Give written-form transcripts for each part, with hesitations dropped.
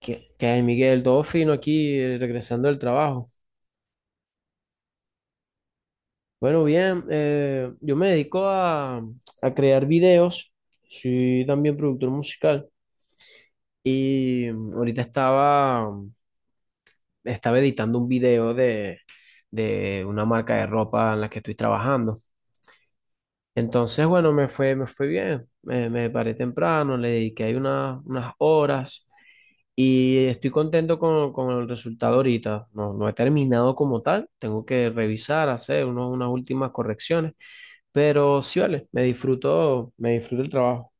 ¿Qué, qué hay, Miguel? Todo fino aquí, regresando del trabajo. Bueno, bien, yo me dedico a crear videos, soy también productor musical y ahorita estaba editando un video de una marca de ropa en la que estoy trabajando. Entonces, bueno, me fue bien. Me paré temprano, le dediqué ahí unas horas y estoy contento con el resultado ahorita. No, no he terminado como tal, tengo que revisar, hacer unas últimas correcciones, pero sí vale, me disfruto el trabajo.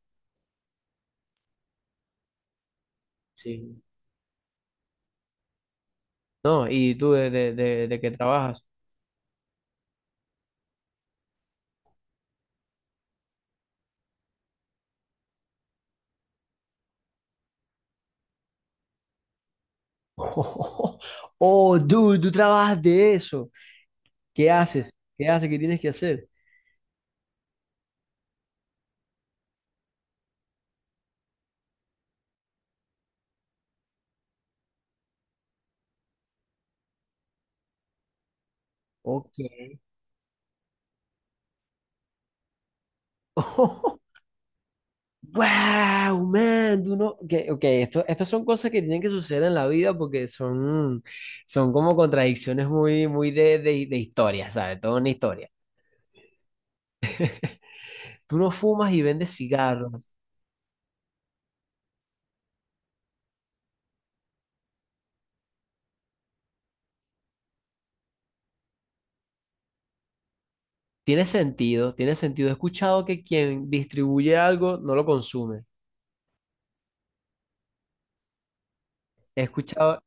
Sí. No, ¿y tú de qué trabajas? Oh, oh, dude, tú trabajas de eso. ¿Qué haces? ¿Qué haces? ¿Qué tienes que hacer? Ok. Wow, man, tú no. Ok, esto, estas son cosas que tienen que suceder en la vida porque son, son como contradicciones muy, muy de historia, ¿sabes? Toda una historia. Tú no fumas y vendes cigarros. Tiene sentido, tiene sentido. He escuchado que quien distribuye algo no lo consume. He escuchado.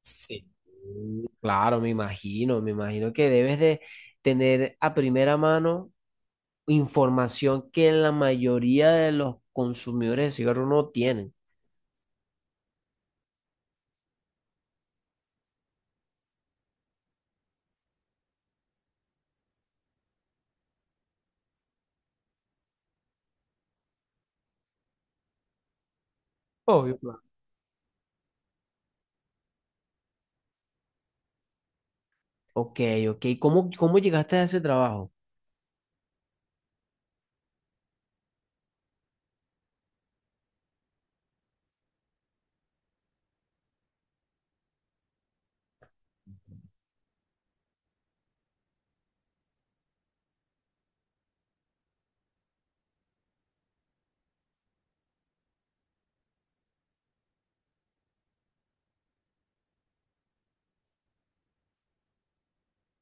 Sí, claro, me imagino que debes de tener a primera mano información que la mayoría de los consumidores de cigarros no tienen. Obvio, claro. Ok, ok. ¿Cómo, cómo llegaste a ese trabajo?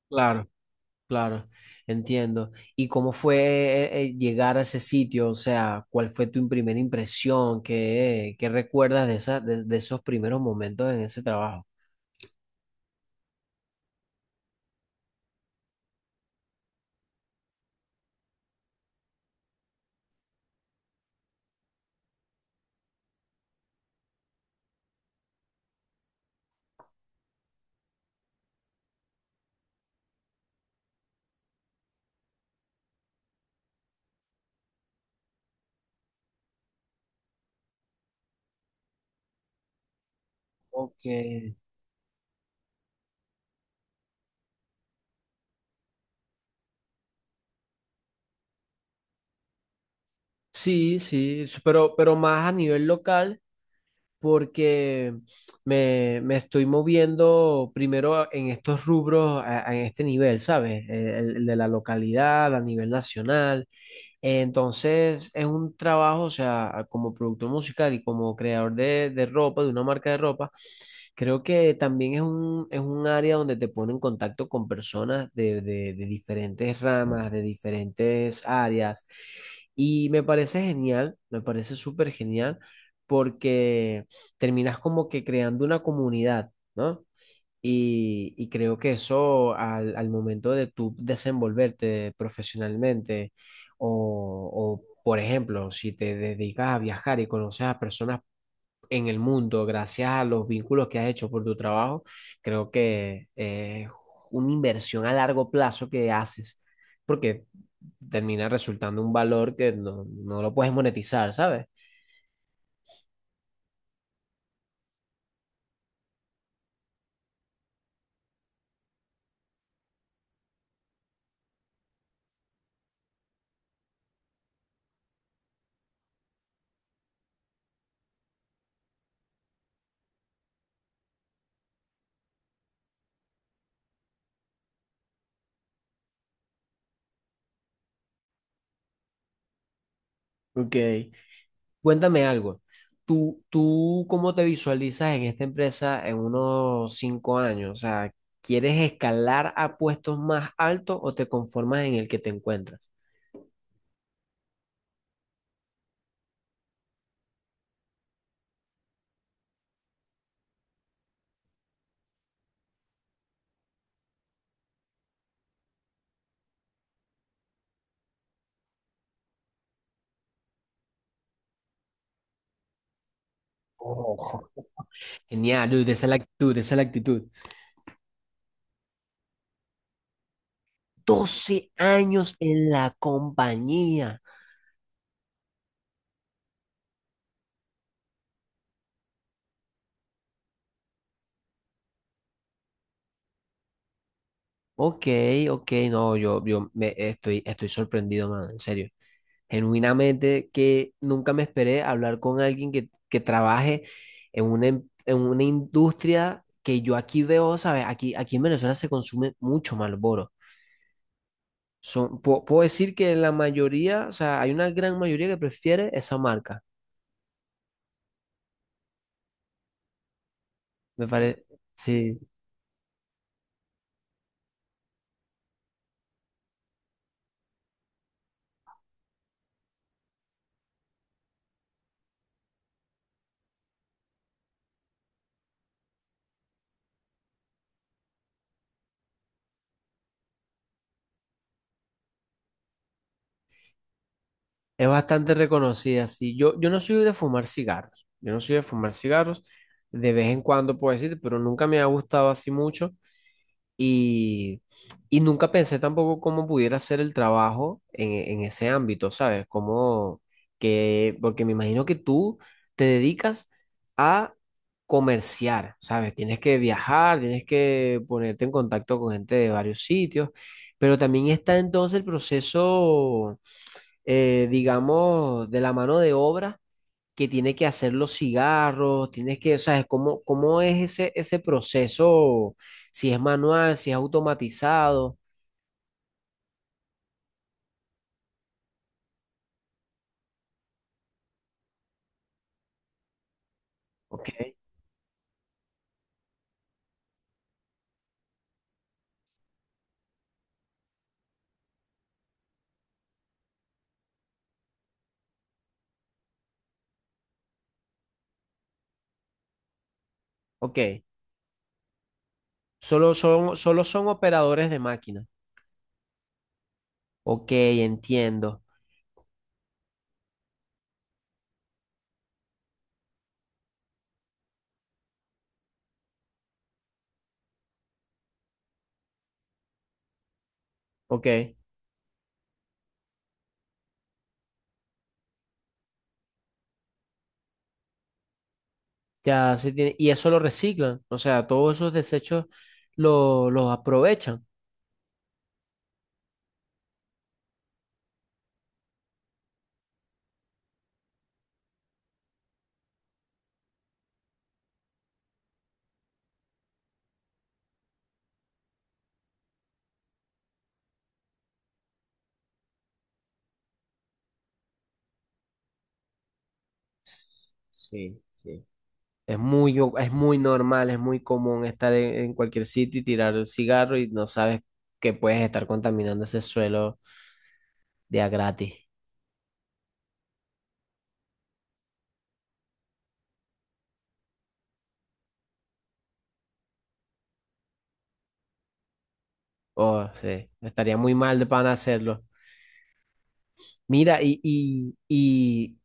Claro, claro, entiendo. ¿Y cómo fue llegar a ese sitio? O sea, ¿cuál fue tu primera impresión? ¿Qué, qué recuerdas de esa, de esos primeros momentos en ese trabajo? Ok. Sí, sí, pero más a nivel local, porque me estoy moviendo primero en estos rubros, a este nivel, ¿sabes? El de la localidad, a nivel nacional. Entonces, es un trabajo, o sea, como productor musical y como creador de ropa, de una marca de ropa, creo que también es un área donde te pone en contacto con personas de diferentes ramas, de diferentes áreas. Y me parece genial, me parece súper genial, porque terminas como que creando una comunidad, ¿no? Y creo que eso al momento de tú desenvolverte profesionalmente o, por ejemplo, si te dedicas a viajar y conoces a personas en el mundo gracias a los vínculos que has hecho por tu trabajo, creo que es una inversión a largo plazo que haces porque termina resultando un valor que no, no lo puedes monetizar, ¿sabes? Ok. Cuéntame algo. ¿Tú, tú cómo te visualizas en esta empresa en unos 5 años? O sea, ¿quieres escalar a puestos más altos o te conformas en el que te encuentras? Oh, genial, Luis, esa es la actitud, esa es la actitud. 12 años en la compañía. Ok, ok, no, yo, estoy, estoy sorprendido, man, en serio. Genuinamente que nunca me esperé hablar con alguien que trabaje en una, en una industria que yo aquí veo, ¿sabes? Aquí, aquí en Venezuela se consume mucho Marlboro. Son, puedo decir que la mayoría, o sea, hay una gran mayoría que prefiere esa marca. Me parece, sí, es bastante reconocida, sí. Yo no soy de fumar cigarros, yo no soy de fumar cigarros, de vez en cuando puedo decir, pero nunca me ha gustado así mucho. Y, y nunca pensé tampoco cómo pudiera ser el trabajo en, en ese ámbito, ¿sabes? Como que, porque me imagino que tú te dedicas a comerciar, ¿sabes? Tienes que viajar, tienes que ponerte en contacto con gente de varios sitios, pero también está entonces el proceso, digamos, de la mano de obra que tiene que hacer los cigarros, tienes que, o sea, ¿cómo, cómo es ese, ese proceso? Si es manual, si es automatizado. Ok, ok. Solo son operadores de máquina. Ok, entiendo. Ok, ya se tiene. Y eso lo reciclan. O sea, todos esos desechos los aprovechan. Sí, sí. Es muy, es muy normal, es muy común estar en cualquier sitio y tirar el cigarro y no sabes que puedes estar contaminando ese suelo de a gratis. Oh, sí, estaría muy mal de pan hacerlo. Mira, y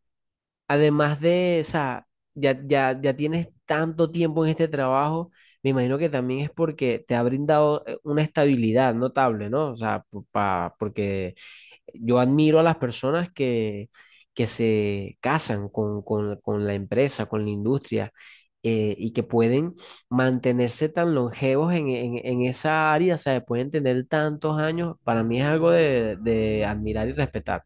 además o sea, ya tienes tanto tiempo en este trabajo, me imagino que también es porque te ha brindado una estabilidad notable, ¿no? O sea, pa, porque yo admiro a las personas que se casan con, con la empresa, con la industria, y que pueden mantenerse tan longevos en, en esa área, o sea, pueden tener tantos años. Para mí es algo de admirar y respetar.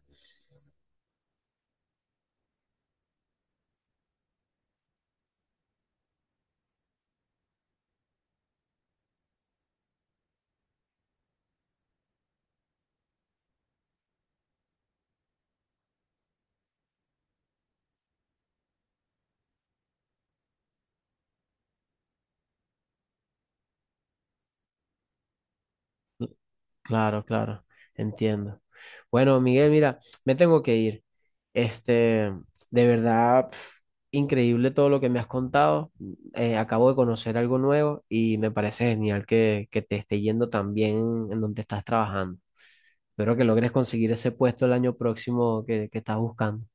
Claro, claro, entiendo. Bueno, Miguel, mira, me tengo que ir. Este, de verdad, pf, increíble todo lo que me has contado. Acabo de conocer algo nuevo y me parece genial que te esté yendo tan bien en donde estás trabajando. Espero que logres conseguir ese puesto el año próximo que estás buscando.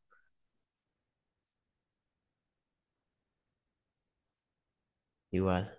Igual.